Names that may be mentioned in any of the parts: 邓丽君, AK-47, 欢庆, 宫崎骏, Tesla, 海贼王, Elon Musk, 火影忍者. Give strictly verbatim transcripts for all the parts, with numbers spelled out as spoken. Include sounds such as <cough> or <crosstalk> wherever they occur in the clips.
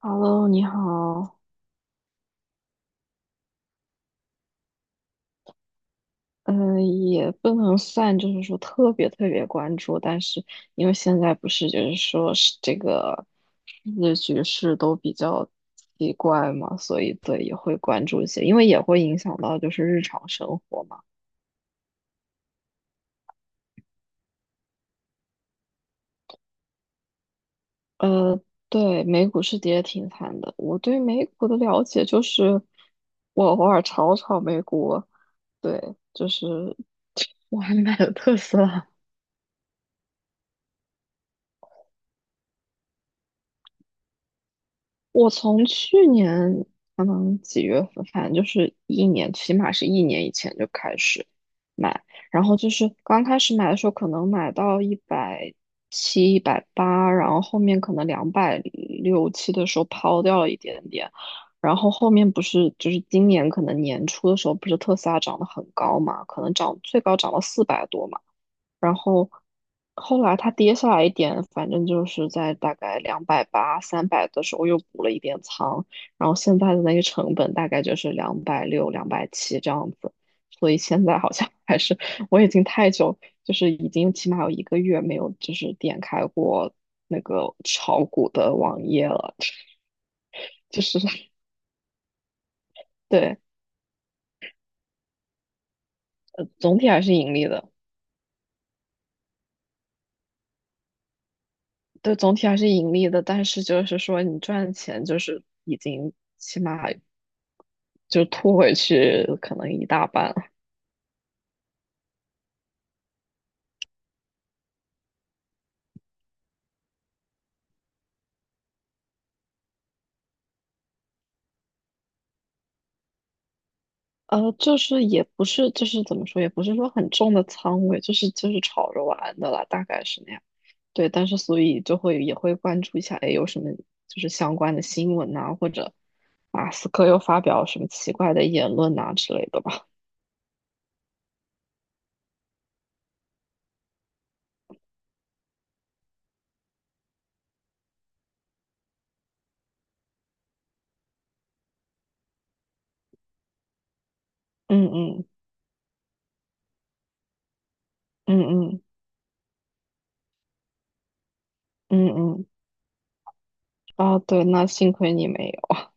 Hello，你好。嗯，也不能算，就是说特别特别关注，但是因为现在不是就是说是这个世界局势都比较奇怪嘛，所以对也会关注一些，因为也会影响到就是日常生活嘛。呃，对，美股是跌挺惨的。我对美股的了解就是，我偶尔炒炒美股，对，就是我还买了特斯拉。我从去年可能几月份，反正就是一年，起码是一年以前就开始买，然后就是刚开始买的时候，可能买到一百七、一百八，然后后面可能两百六七的时候抛掉了一点点，然后后面不是就是今年可能年初的时候，不是特斯拉涨得很高嘛，可能涨最高涨到四百多嘛。然后后来它跌下来一点，反正就是在大概两百八、三百的时候又补了一点仓，然后现在的那个成本大概就是两百六、两百七这样子，所以现在好像 <laughs> 还是我已经太久，就是已经起码有一个月没有就是点开过那个炒股的网页了，<laughs> 就是对，总体还是盈利的。对，总体还是盈利的，但是就是说你赚钱就是已经起码就吐回去可能一大半，呃，就是也不是，就是怎么说，也不是说很重的仓位，就是就是炒着玩的啦，大概是那样。对，但是所以就会也会关注一下，哎，有什么就是相关的新闻呐、或者马斯克又发表什么奇怪的言论呐、之类的吧。<laughs> 嗯嗯嗯嗯嗯嗯，啊，对，那幸亏你没有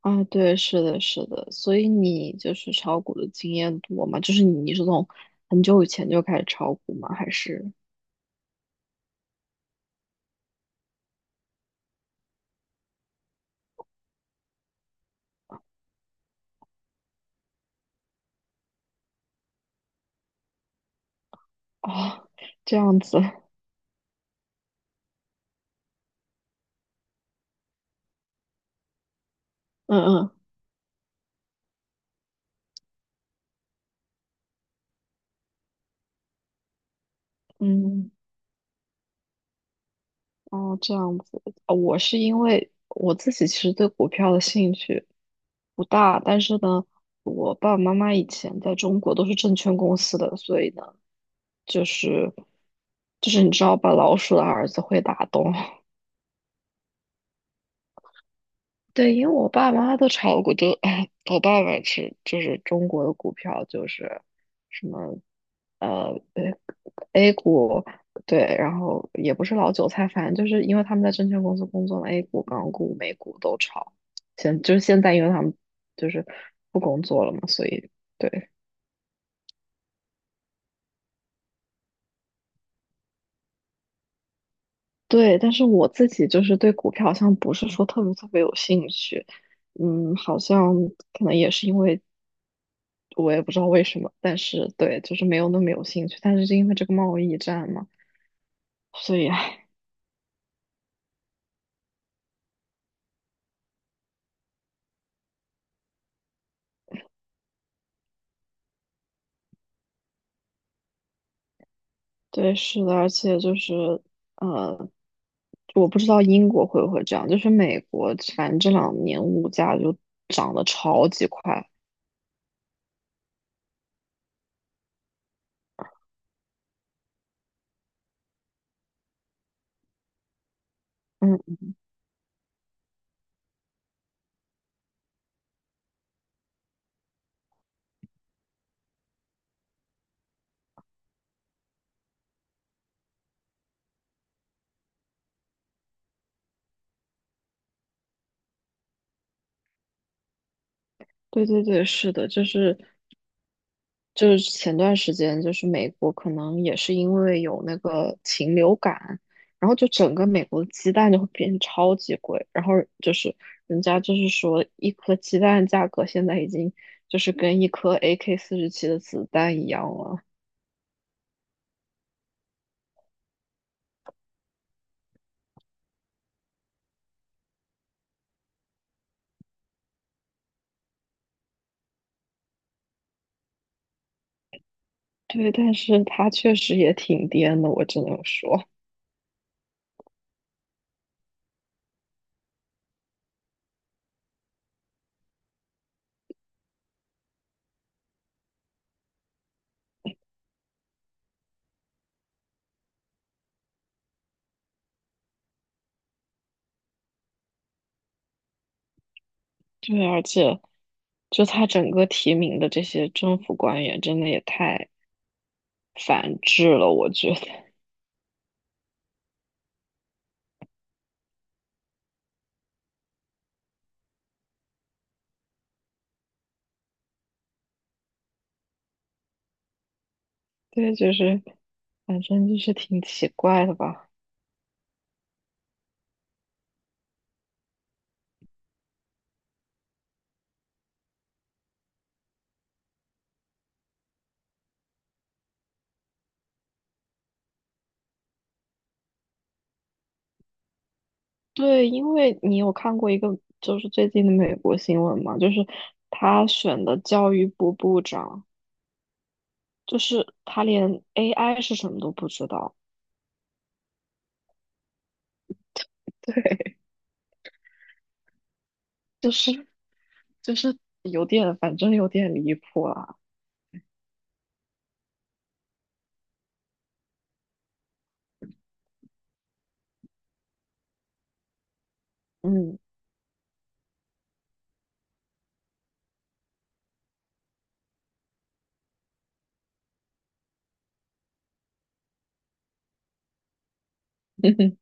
啊，对，是的，是的，所以你就是炒股的经验多吗？就是你你是从很久以前就开始炒股吗？还是？哦，这样子，嗯嗯嗯，哦，这样子，呃我是因为我自己其实对股票的兴趣不大，但是呢，我爸爸妈妈以前在中国都是证券公司的，所以呢，就是就是你知道把老鼠的儿子会打洞。<laughs> 对，因为我爸妈都炒股，就 <coughs> <clears throat> 我爸爸是就是中国的股票，就是什么。呃对 A 股，对，然后也不是老韭菜，反正就是因为他们在证券公司工作嘛，A 股、港股、美股都炒。现就是现在，因为他们就是不工作了嘛，所以对对。但是我自己就是对股票好像不是说特别特别有兴趣，嗯，好像可能也是因为我也不知道为什么，但是对，就是没有那么有兴趣。但是是因为这个贸易战嘛，所以唉对，是的，而且就是。呃，我不知道英国会不会这样，就是美国，反正这两年物价就涨得超级快。嗯，对对对，是的，就是就是前段时间，就是美国可能也是因为有那个禽流感，然后就整个美国的鸡蛋就会变得超级贵，然后就是人家就是说一颗鸡蛋价格现在已经就是跟一颗 A K 四十七的子弹一样了。对，但是它确实也挺颠的，我只能说，对，而且。就他整个提名的这些政府官员，真的也太反制了，我觉得。<laughs> 对，就是反正就是挺奇怪的吧。对，因为你有看过一个就是最近的美国新闻嘛，就是他选的教育部部长，就是他连 A I 是什么都不知道。对，就是就是有点，反正有点离谱啦。嗯。<laughs>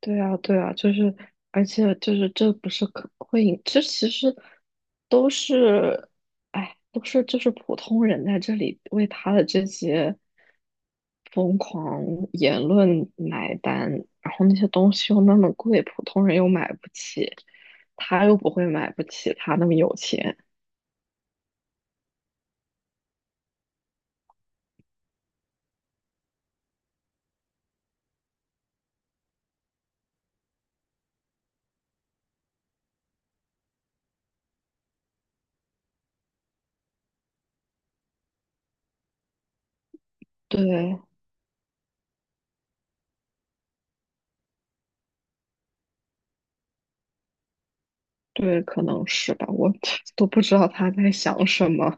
对啊，对啊，就是，而且就是这不是可会引，这其实都是，哎，都是就是普通人在这里为他的这些疯狂言论买单，然后那些东西又那么贵，普通人又买不起，他又不会买不起，他那么有钱，对对，可能是吧，我 <laughs> 都不知道他在想什么，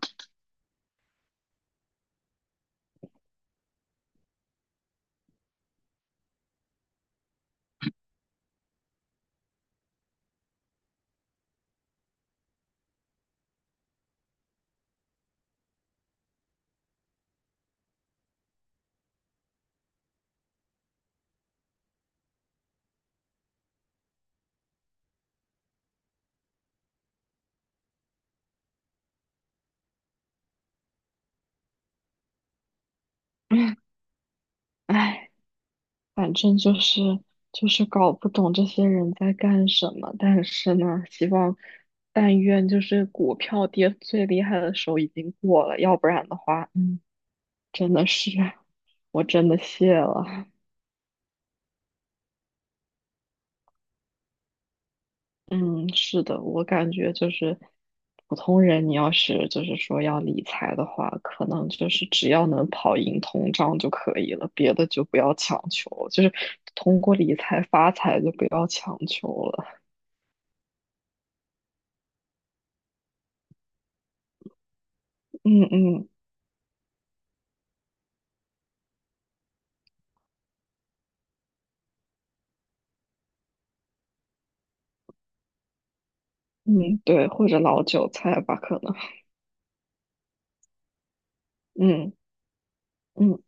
<laughs> 唉。反正就是就是搞不懂这些人在干什么，但是呢，希望但愿就是股票跌最厉害的时候已经过了，要不然的话，嗯，<laughs> 真的是我真的谢了。嗯，是的，我感觉就是普通人，你要是就是说要理财的话，可能就是只要能跑赢通胀就可以了，别的就不要强求，就是通过理财发财就不要强求了。嗯嗯嗯，对，或者老韭菜吧，可能。嗯嗯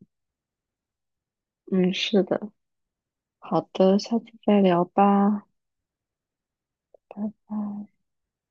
嗯，是的。好的，下次再聊吧，拜拜。